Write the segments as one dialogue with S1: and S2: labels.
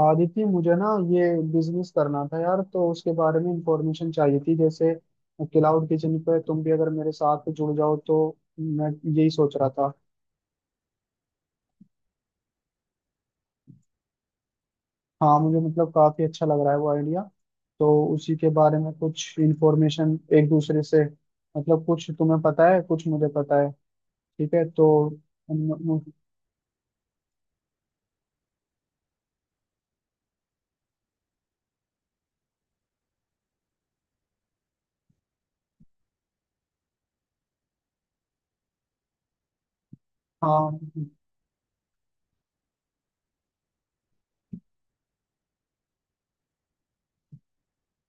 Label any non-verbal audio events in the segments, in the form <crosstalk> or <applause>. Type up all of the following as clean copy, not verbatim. S1: आदित्य, मुझे ना ये बिजनेस करना था यार। तो उसके बारे में इंफॉर्मेशन चाहिए थी। जैसे क्लाउड किचन पे तुम भी अगर मेरे साथ जुड़ जाओ तो मैं यही सोच रहा था। हाँ, मुझे मतलब काफी अच्छा लग रहा है वो आइडिया। तो उसी के बारे में कुछ इंफॉर्मेशन एक दूसरे से, मतलब कुछ तुम्हें पता है कुछ मुझे पता है। ठीक है तो म- म- हाँ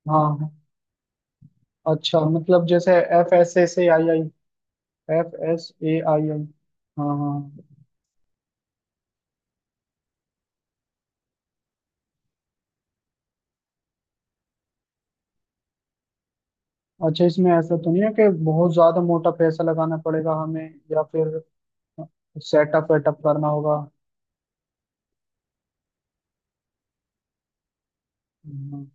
S1: हाँ। अच्छा, मतलब जैसे FSSAI, FSSAI। हाँ हाँ। अच्छा, इसमें ऐसा तो नहीं है कि बहुत ज्यादा मोटा पैसा लगाना पड़ेगा हमें? या फिर सेटअप वेटअप करना होगा? हम्म,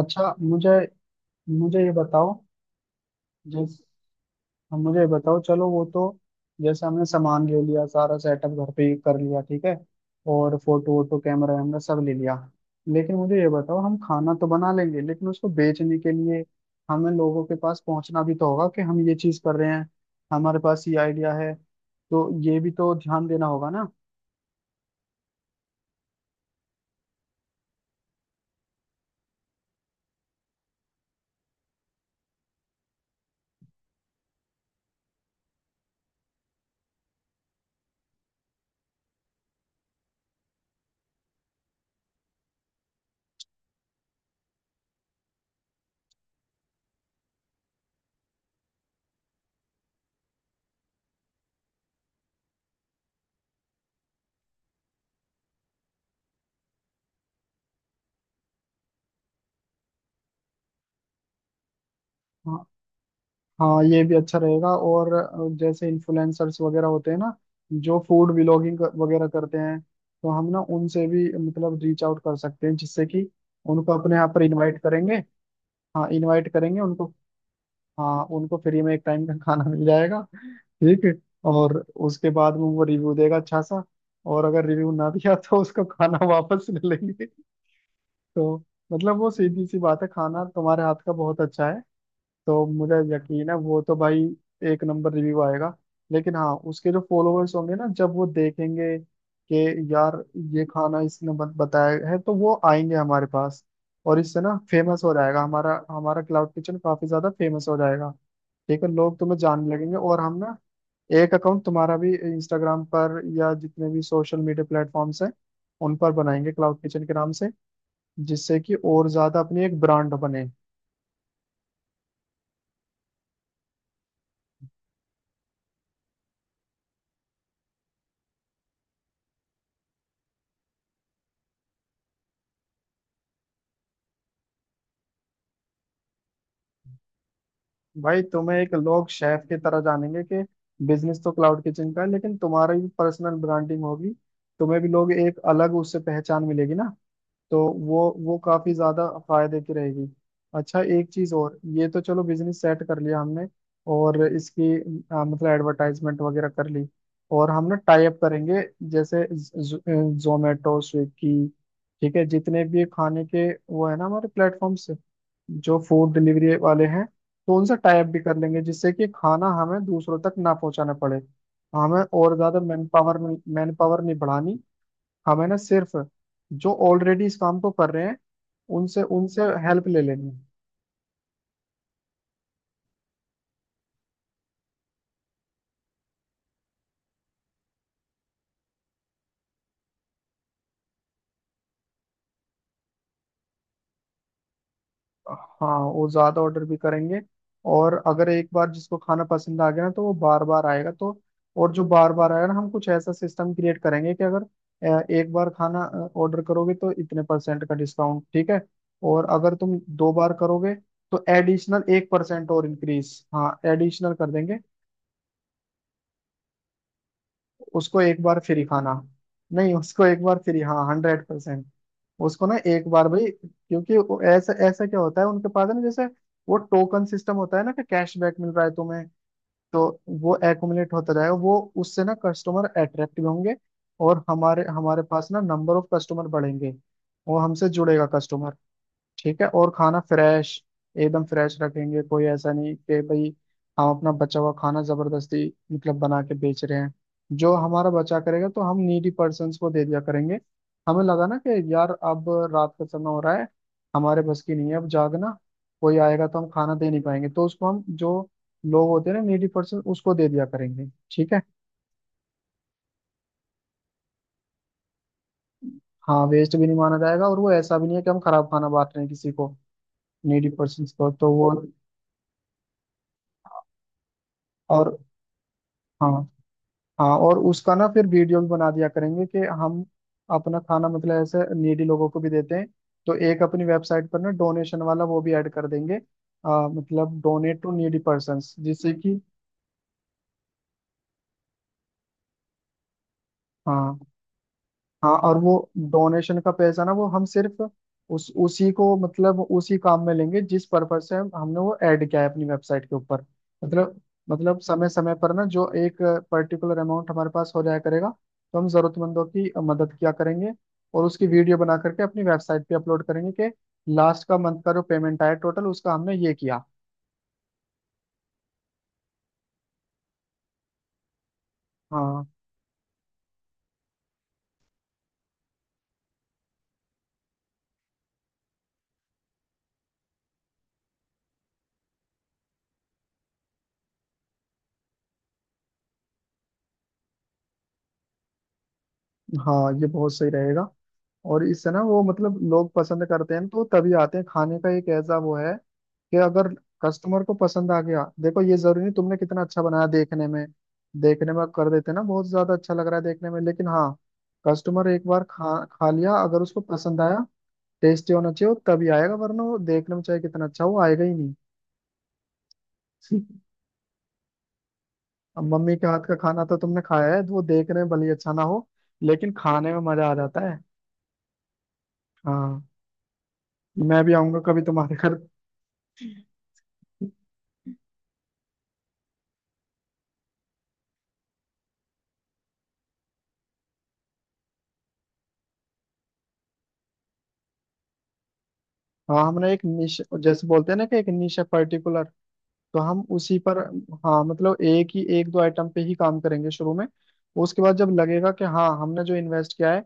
S1: अच्छा मुझे मुझे ये बताओ। जिस अब मुझे बताओ, चलो वो तो जैसे हमने सामान ले लिया, सारा सेटअप घर पे ही कर लिया ठीक है, और फोटो वोटो कैमरा वैमरा सब ले लिया। लेकिन मुझे ये बताओ, हम खाना तो बना लेंगे लेकिन उसको बेचने के लिए हमें लोगों के पास पहुंचना भी तो होगा कि हम ये चीज कर रहे हैं, हमारे पास ये आइडिया है। तो ये भी तो ध्यान देना होगा ना। हाँ, हाँ ये भी अच्छा रहेगा। और जैसे इन्फ्लुएंसर्स वगैरह होते हैं ना, जो फूड व्लॉगिंग वगैरह करते हैं, तो हम ना उनसे भी मतलब रीच आउट कर सकते हैं। जिससे कि उनको अपने यहाँ पर इनवाइट करेंगे। हाँ, इनवाइट करेंगे उनको। हाँ, उनको फ्री में एक टाइम का खाना मिल जाएगा। ठीक है, और उसके बाद में वो रिव्यू देगा अच्छा सा। और अगर रिव्यू ना दिया तो उसको खाना <laughs> वापस ले लेंगे। तो मतलब वो सीधी सी बात है, खाना तुम्हारे हाथ का बहुत अच्छा है। तो मुझे यकीन है वो तो भाई एक नंबर रिव्यू आएगा। लेकिन हाँ, उसके जो फॉलोअर्स होंगे ना, जब वो देखेंगे कि यार ये खाना इसने बताया है, तो वो आएंगे हमारे पास। और इससे ना फेमस हो जाएगा हमारा, हमारा क्लाउड किचन काफी ज्यादा फेमस हो जाएगा। ठीक है, लोग तुम्हें जानने लगेंगे। और हम ना एक अकाउंट तुम्हारा भी इंस्टाग्राम पर, या जितने भी सोशल मीडिया प्लेटफॉर्म्स हैं उन पर बनाएंगे क्लाउड किचन के नाम से, जिससे कि और ज्यादा अपनी एक ब्रांड बने। भाई, तुम्हें एक लोग शेफ की तरह जानेंगे कि बिजनेस तो क्लाउड किचन का है, लेकिन तुम्हारी भी पर्सनल ब्रांडिंग होगी। तुम्हें भी लोग एक अलग उससे पहचान मिलेगी ना। तो वो काफी ज्यादा फायदे की रहेगी। अच्छा एक चीज और, ये तो चलो बिजनेस सेट कर लिया हमने, और इसकी मतलब एडवर्टाइजमेंट वगैरह कर ली, और हम ना टाई अप करेंगे जैसे जोमेटो स्विगी। ठीक है, जितने भी खाने के वो है ना हमारे प्लेटफॉर्म्स जो फूड डिलीवरी वाले हैं, तो उनसे टाई अप भी कर लेंगे, जिससे कि खाना हमें दूसरों तक ना पहुंचाना पड़े। हमें और ज्यादा मैन पावर नहीं manpower नहीं बढ़ानी। हमें ना सिर्फ जो ऑलरेडी इस काम को कर रहे हैं उनसे उनसे हेल्प ले लेनी है। हाँ, वो ज्यादा ऑर्डर भी करेंगे। और अगर एक बार जिसको खाना पसंद आ गया ना, तो वो बार बार आएगा। तो और जो बार बार आएगा ना, हम कुछ ऐसा सिस्टम क्रिएट करेंगे कि अगर एक बार खाना ऑर्डर करोगे तो इतने परसेंट का डिस्काउंट, ठीक है। और अगर तुम दो बार करोगे तो एडिशनल 1% और इंक्रीज, हाँ एडिशनल कर देंगे। उसको एक बार फ्री खाना। नहीं, उसको एक बार फ्री, हाँ 100%। उसको ना एक बार भाई, क्योंकि वो ऐसा ऐसा क्या होता है उनके पास है ना जैसे, वो टोकन सिस्टम होता है ना कि कैशबैक मिल रहा है तुम्हें। तो वो एक्यूमुलेट होता जाएगा, वो उससे ना कस्टमर अट्रैक्ट भी होंगे। और हमारे हमारे पास ना नंबर ऑफ कस्टमर बढ़ेंगे। वो हमसे जुड़ेगा कस्टमर। ठीक है, और खाना फ्रेश एकदम फ्रेश रखेंगे। कोई ऐसा नहीं कि भाई हम अपना बचा हुआ खाना जबरदस्ती मतलब बना के बेच रहे हैं। जो हमारा बचा करेगा तो हम नीडी पर्सन्स को दे दिया करेंगे। हमें लगा ना कि यार, अब रात का समय हो रहा है, हमारे बस की नहीं है अब जागना, कोई आएगा तो हम खाना दे नहीं पाएंगे, तो उसको हम जो लोग होते हैं ना नीडी पर्सन, उसको दे दिया करेंगे। ठीक है। हाँ, वेस्ट भी नहीं माना जाएगा। और वो ऐसा भी नहीं है कि हम खराब खाना बांट रहे हैं किसी को, नीडी पर्सन को तो वो। और हाँ, हाँ और उसका ना फिर वीडियो भी बना दिया करेंगे कि हम अपना खाना मतलब ऐसे नीडी लोगों को भी देते हैं। तो एक अपनी वेबसाइट पर ना डोनेशन वाला वो भी ऐड कर देंगे, मतलब डोनेट टू नीडी पर्संस, जिससे कि हाँ। हाँ, और वो डोनेशन का पैसा ना वो हम सिर्फ उस उसी को मतलब उसी काम में लेंगे जिस पर्पज से हमने वो ऐड किया है अपनी वेबसाइट के ऊपर। मतलब मतलब समय समय पर ना जो एक पर्टिकुलर अमाउंट हमारे पास हो जाया करेगा, तो हम जरूरतमंदों की मदद किया करेंगे, और उसकी वीडियो बना करके अपनी वेबसाइट पे अपलोड करेंगे कि लास्ट का मंथ का जो पेमेंट आया टोटल, उसका हमने ये किया। हाँ, हाँ ये बहुत सही रहेगा। और इससे ना वो मतलब लोग पसंद करते हैं तो तभी आते हैं। खाने का एक ऐसा वो है कि अगर कस्टमर को पसंद आ गया, देखो ये जरूरी नहीं तुमने कितना अच्छा बनाया देखने में, देखने में कर देते ना बहुत ज्यादा अच्छा लग रहा है देखने में, लेकिन हाँ कस्टमर एक बार खा खा लिया अगर उसको पसंद आया। टेस्टी होना चाहिए, वो तभी आएगा, वरना वो देखने में चाहे कितना अच्छा हो वो आएगा ही नहीं। <laughs> अब मम्मी के हाथ का खाना तो तुमने खाया है, तो वो देखने में भले ही अच्छा ना हो लेकिन खाने में मजा आ जाता है। हाँ, मैं भी आऊंगा कभी तुम्हारे घर। हाँ, हमने एक निश, जैसे बोलते हैं ना कि एक निश है पर्टिकुलर, तो हम उसी पर हाँ मतलब एक ही, एक दो आइटम पे ही काम करेंगे शुरू में। उसके बाद जब लगेगा कि हाँ हमने जो इन्वेस्ट किया है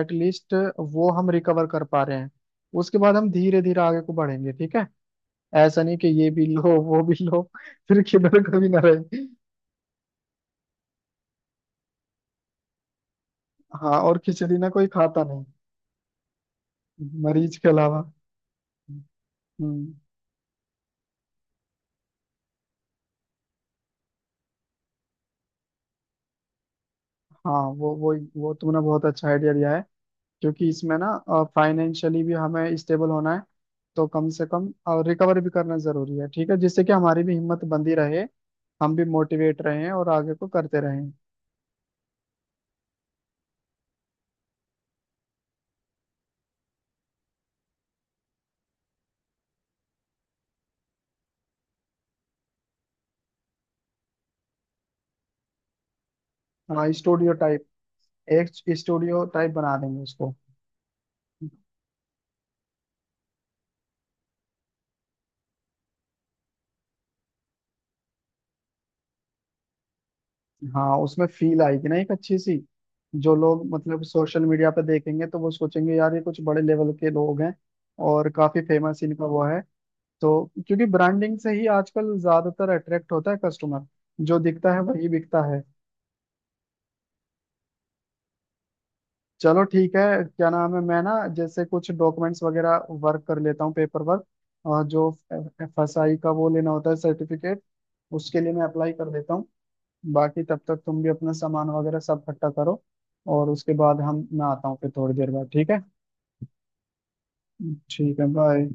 S1: एटलीस्ट वो हम रिकवर कर पा रहे हैं, उसके बाद हम धीरे धीरे आगे को बढ़ेंगे, ठीक है। ऐसा नहीं कि ये भी लो वो भी लो <laughs> फिर किधर कभी ना रहे। हाँ, और खिचड़ी ना कोई खाता नहीं, मरीज के अलावा। हम्म। हाँ, वो वो तुमने बहुत अच्छा आइडिया दिया है, क्योंकि इसमें ना फाइनेंशियली भी हमें स्टेबल होना है। तो कम से कम और रिकवर भी करना जरूरी है, ठीक है, जिससे कि हमारी भी हिम्मत बंधी रहे, हम भी मोटिवेट रहें और आगे को करते रहें। हाँ स्टूडियो टाइप, एक स्टूडियो टाइप बना देंगे उसको। हाँ, उसमें फील आएगी ना एक अच्छी सी। जो लोग मतलब सोशल मीडिया पे देखेंगे तो वो सोचेंगे यार ये कुछ बड़े लेवल के लोग हैं और काफी फेमस, इनका वो है। तो क्योंकि ब्रांडिंग से ही आजकल ज्यादातर अट्रैक्ट होता है कस्टमर। जो दिखता है वही बिकता है। चलो ठीक है, क्या नाम है, मैं ना जैसे कुछ डॉक्यूमेंट्स वगैरह वर्क कर लेता हूँ, पेपर वर्क, और जो फसाई का वो लेना होता है सर्टिफिकेट, उसके लिए मैं अप्लाई कर देता हूँ। बाकी तब तक तुम भी अपना सामान वगैरह सब इकट्ठा करो। और उसके बाद हम मैं आता हूँ फिर थोड़ी देर बाद, ठीक है। ठीक है, बाय।